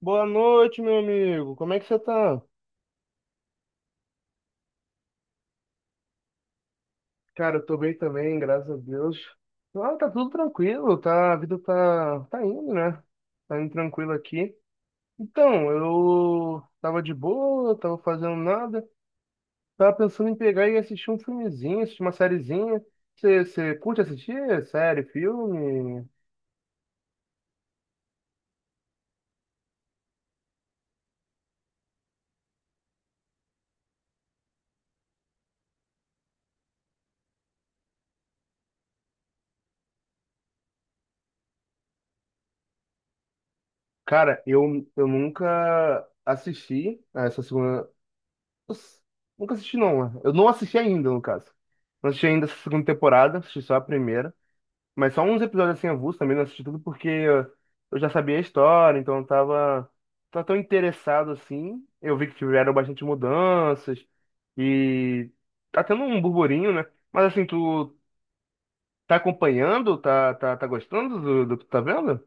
Boa noite, meu amigo. Como é que você tá? Cara, eu tô bem também, graças a Deus. Ah, tá tudo tranquilo, tá, a vida tá, indo, né? Tá indo tranquilo aqui. Então, eu tava de boa, tava fazendo nada. Tava pensando em pegar e assistir um filmezinho, assistir uma sériezinha. Você curte assistir série, filme? Cara, eu nunca assisti a essa segunda. Nossa, nunca assisti, não, né? Eu não assisti ainda, no caso. Não assisti ainda essa segunda temporada, assisti só a primeira. Mas só uns episódios assim avulsos também, não assisti tudo porque eu já sabia a história, então tava tão interessado assim. Eu vi que tiveram bastante mudanças e tá tendo um burburinho, né? Mas assim, tu tá acompanhando? Tá, tá gostando do que tu tá vendo?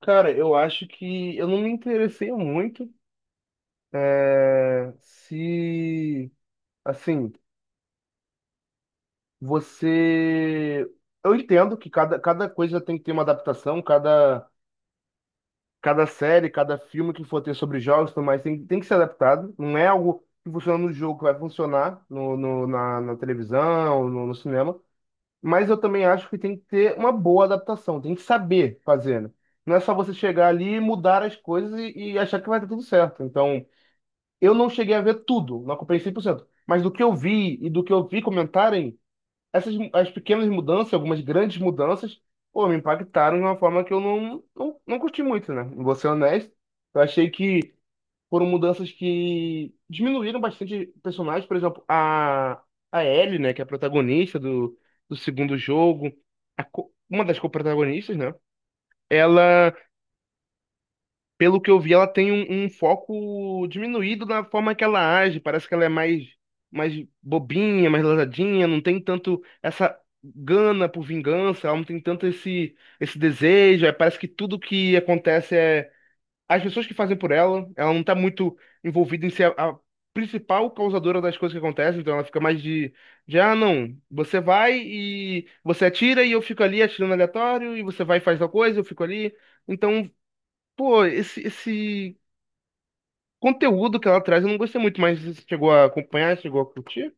Cara, eu acho que eu não me interessei muito. É, se. Assim. Você. Eu entendo que cada coisa tem que ter uma adaptação, cada série, cada filme que for ter sobre jogos e tudo mais tem que ser adaptado. Não é algo que funciona no jogo que vai funcionar na televisão, no cinema. Mas eu também acho que tem que ter uma boa adaptação, tem que saber fazer, né? Não é só você chegar ali, mudar as coisas e achar que vai dar tudo certo. Então, eu não cheguei a ver tudo, não acompanhei 100%. Mas do que eu vi e do que eu vi comentarem essas as pequenas mudanças, algumas grandes mudanças, pô, me impactaram de uma forma que eu não curti muito, né? Vou ser honesto. Eu achei que foram mudanças que diminuíram bastante personagens, por exemplo, a Ellie, né, que é a protagonista do segundo jogo, a co- uma das co-protagonistas, né? Ela, pelo que eu vi, ela tem um foco diminuído na forma que ela age. Parece que mais bobinha, mais lesadinha, não tem tanto essa gana por vingança, ela não tem tanto esse desejo. Aí parece que tudo que acontece é as pessoas que fazem por ela. Ela não tá muito envolvida em ser a principal causadora das coisas que acontecem, então ela fica mais ah, não, você vai e você atira e eu fico ali atirando aleatório, e você vai e faz tal coisa, eu fico ali. Então, pô, esse conteúdo que ela traz eu não gostei muito, mas você chegou a acompanhar, chegou a curtir?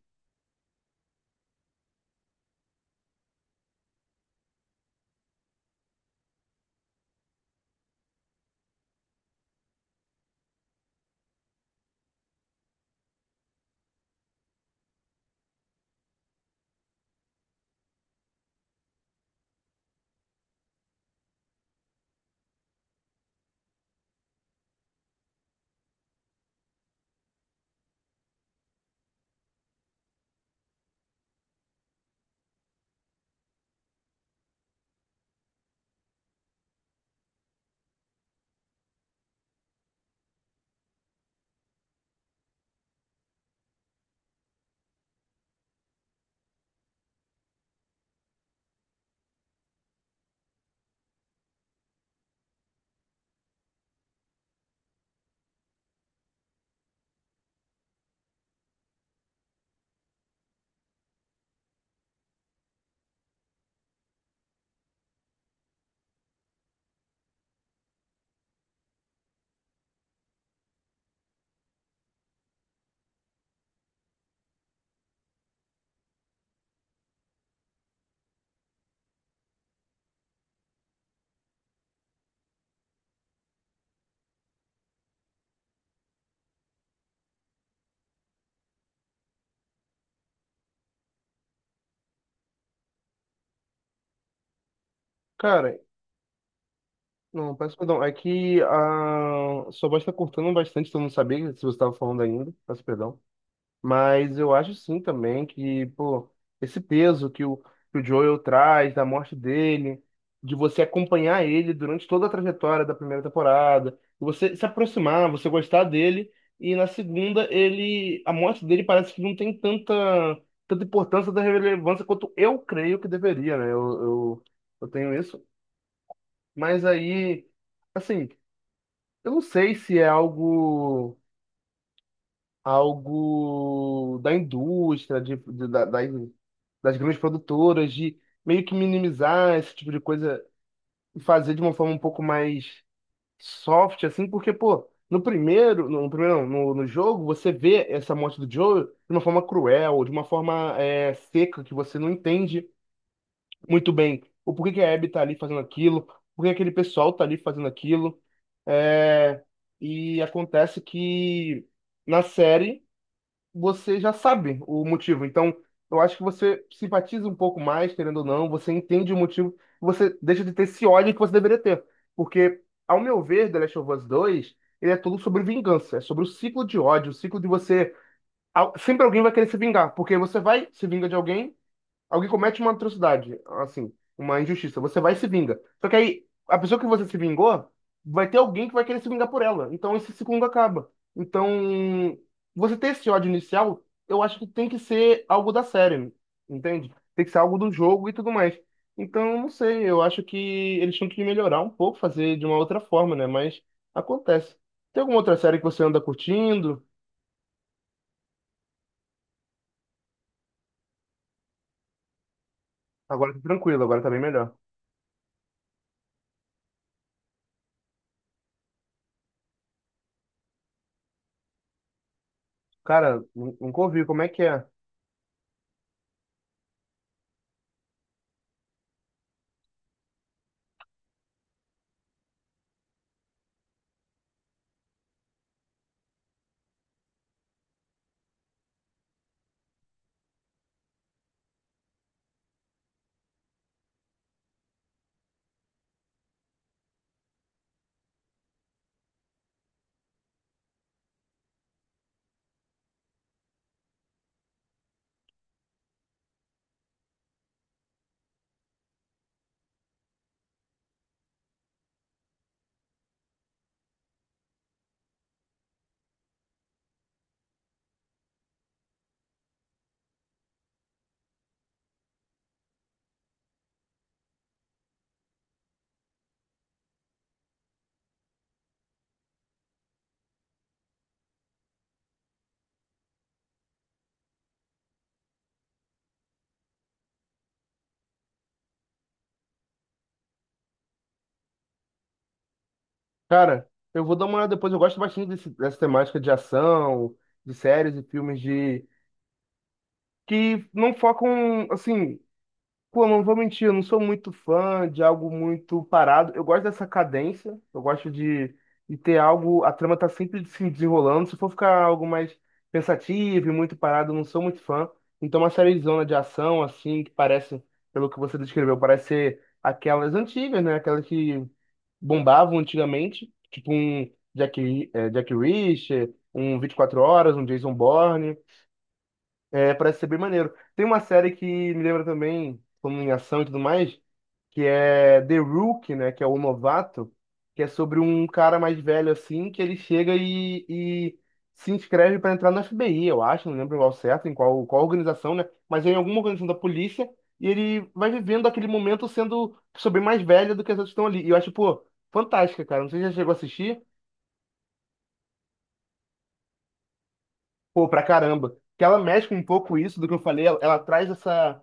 Cara, não, peço perdão. É que a sua voz tá cortando bastante, então eu não sabia se você estava falando ainda. Peço perdão. Mas eu acho sim também que, pô, esse peso que o Joel traz, da morte dele, de você acompanhar ele durante toda a trajetória da primeira temporada, você se aproximar, você gostar dele, e na segunda ele, a morte dele parece que não tem tanta importância, da relevância quanto eu creio que deveria, né? Eu tenho isso. Mas aí, assim, eu não sei se é algo, algo da indústria, das grandes produtoras, de meio que minimizar esse tipo de coisa e fazer de uma forma um pouco mais soft, assim, porque, pô, no primeiro não, no jogo, você vê essa morte do Joel de uma forma cruel, de uma forma é, seca, que você não entende muito bem o porquê que a Abby tá ali fazendo aquilo, por que aquele pessoal tá ali fazendo aquilo, é, e acontece que na série você já sabe o motivo. Então, eu acho que você simpatiza um pouco mais, querendo ou não, você entende o motivo, você deixa de ter esse ódio que você deveria ter. Porque, ao meu ver, The Last of Us 2, ele é tudo sobre vingança, é sobre o ciclo de ódio, o ciclo de você. Al- Sempre alguém vai querer se vingar, porque você vai, se vinga de alguém. Alguém comete uma atrocidade, assim, uma injustiça, você vai e se vinga. Só que aí, a pessoa que você se vingou, vai ter alguém que vai querer se vingar por ela. Então esse ciclo acaba. Então, você ter esse ódio inicial, eu acho que tem que ser algo da série, entende? Tem que ser algo do jogo e tudo mais. Então, não sei, eu acho que eles tinham que melhorar um pouco, fazer de uma outra forma, né? Mas acontece. Tem alguma outra série que você anda curtindo? Agora tá tranquilo, agora tá bem melhor. Cara, nun- nunca ouvi, como é que é? Cara, eu vou dar uma olhada depois. Eu gosto bastante desse- dessa temática de ação, de séries e filmes de que não focam, assim, pô, não vou mentir, eu não sou muito fã de algo muito parado. Eu gosto dessa cadência, eu gosto de ter algo, a trama tá sempre se desenrolando. Se for ficar algo mais pensativo e muito parado, eu não sou muito fã. Então, uma série de zona de ação, assim, que parece, pelo que você descreveu, parece ser aquelas antigas, né? Aquelas que bombavam antigamente, tipo um Jack Reacher, um 24 Horas, um Jason Bourne. É, parece ser bem maneiro. Tem uma série que me lembra também, como em ação e tudo mais, que é The Rookie, né? Que é o novato, que é sobre um cara mais velho assim, que ele chega e se inscreve para entrar no FBI, eu acho, não lembro qual certo, em qual organização, né? Mas é em alguma organização da polícia, e ele vai vivendo aquele momento sendo sobre mais velho do que as outras que estão ali. E eu acho, pô, fantástica, cara. Não sei se já chegou a assistir, pô, pra caramba. Que ela mexe com um pouco isso do que eu falei, ela traz essa.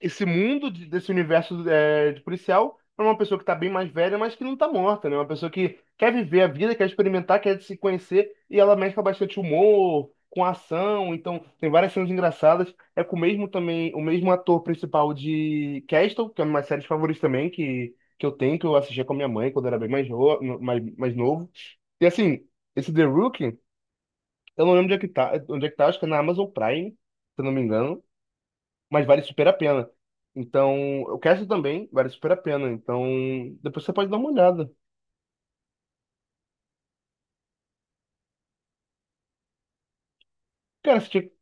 Esse mundo de- desse universo é, de policial para uma pessoa que tá bem mais velha, mas que não tá morta, né? Uma pessoa que quer viver a vida, quer experimentar, quer se conhecer, e ela mexe com bastante humor, com ação, então tem várias cenas engraçadas. É com o mesmo também, o mesmo ator principal de Castle, que é uma série favorita também, que eu tenho, que eu assistia com a minha mãe quando era bem mais, mais novo. E assim, esse The Rookie, eu não lembro onde é que tá, acho que é na Amazon Prime, se eu não me engano, mas vale super a pena. Então, o cast também vale super a pena. Então, depois você pode dar uma olhada. Cara, esse tipo-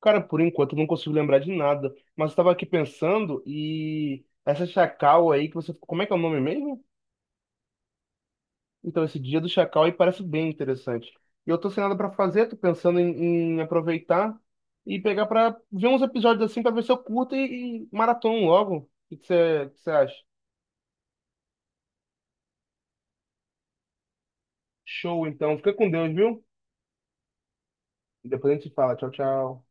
cara, por enquanto eu não consigo lembrar de nada, mas eu estava aqui pensando e essa Chacal aí que você, como é que é o nome mesmo? Então, esse Dia do Chacal aí parece bem interessante. E eu tô sem nada para fazer, tô pensando em aproveitar e pegar para ver uns episódios assim para ver se eu curto e maratona logo. O que que que você acha? Show, então. Fica com Deus, viu? Depois a gente fala. Tchau, tchau.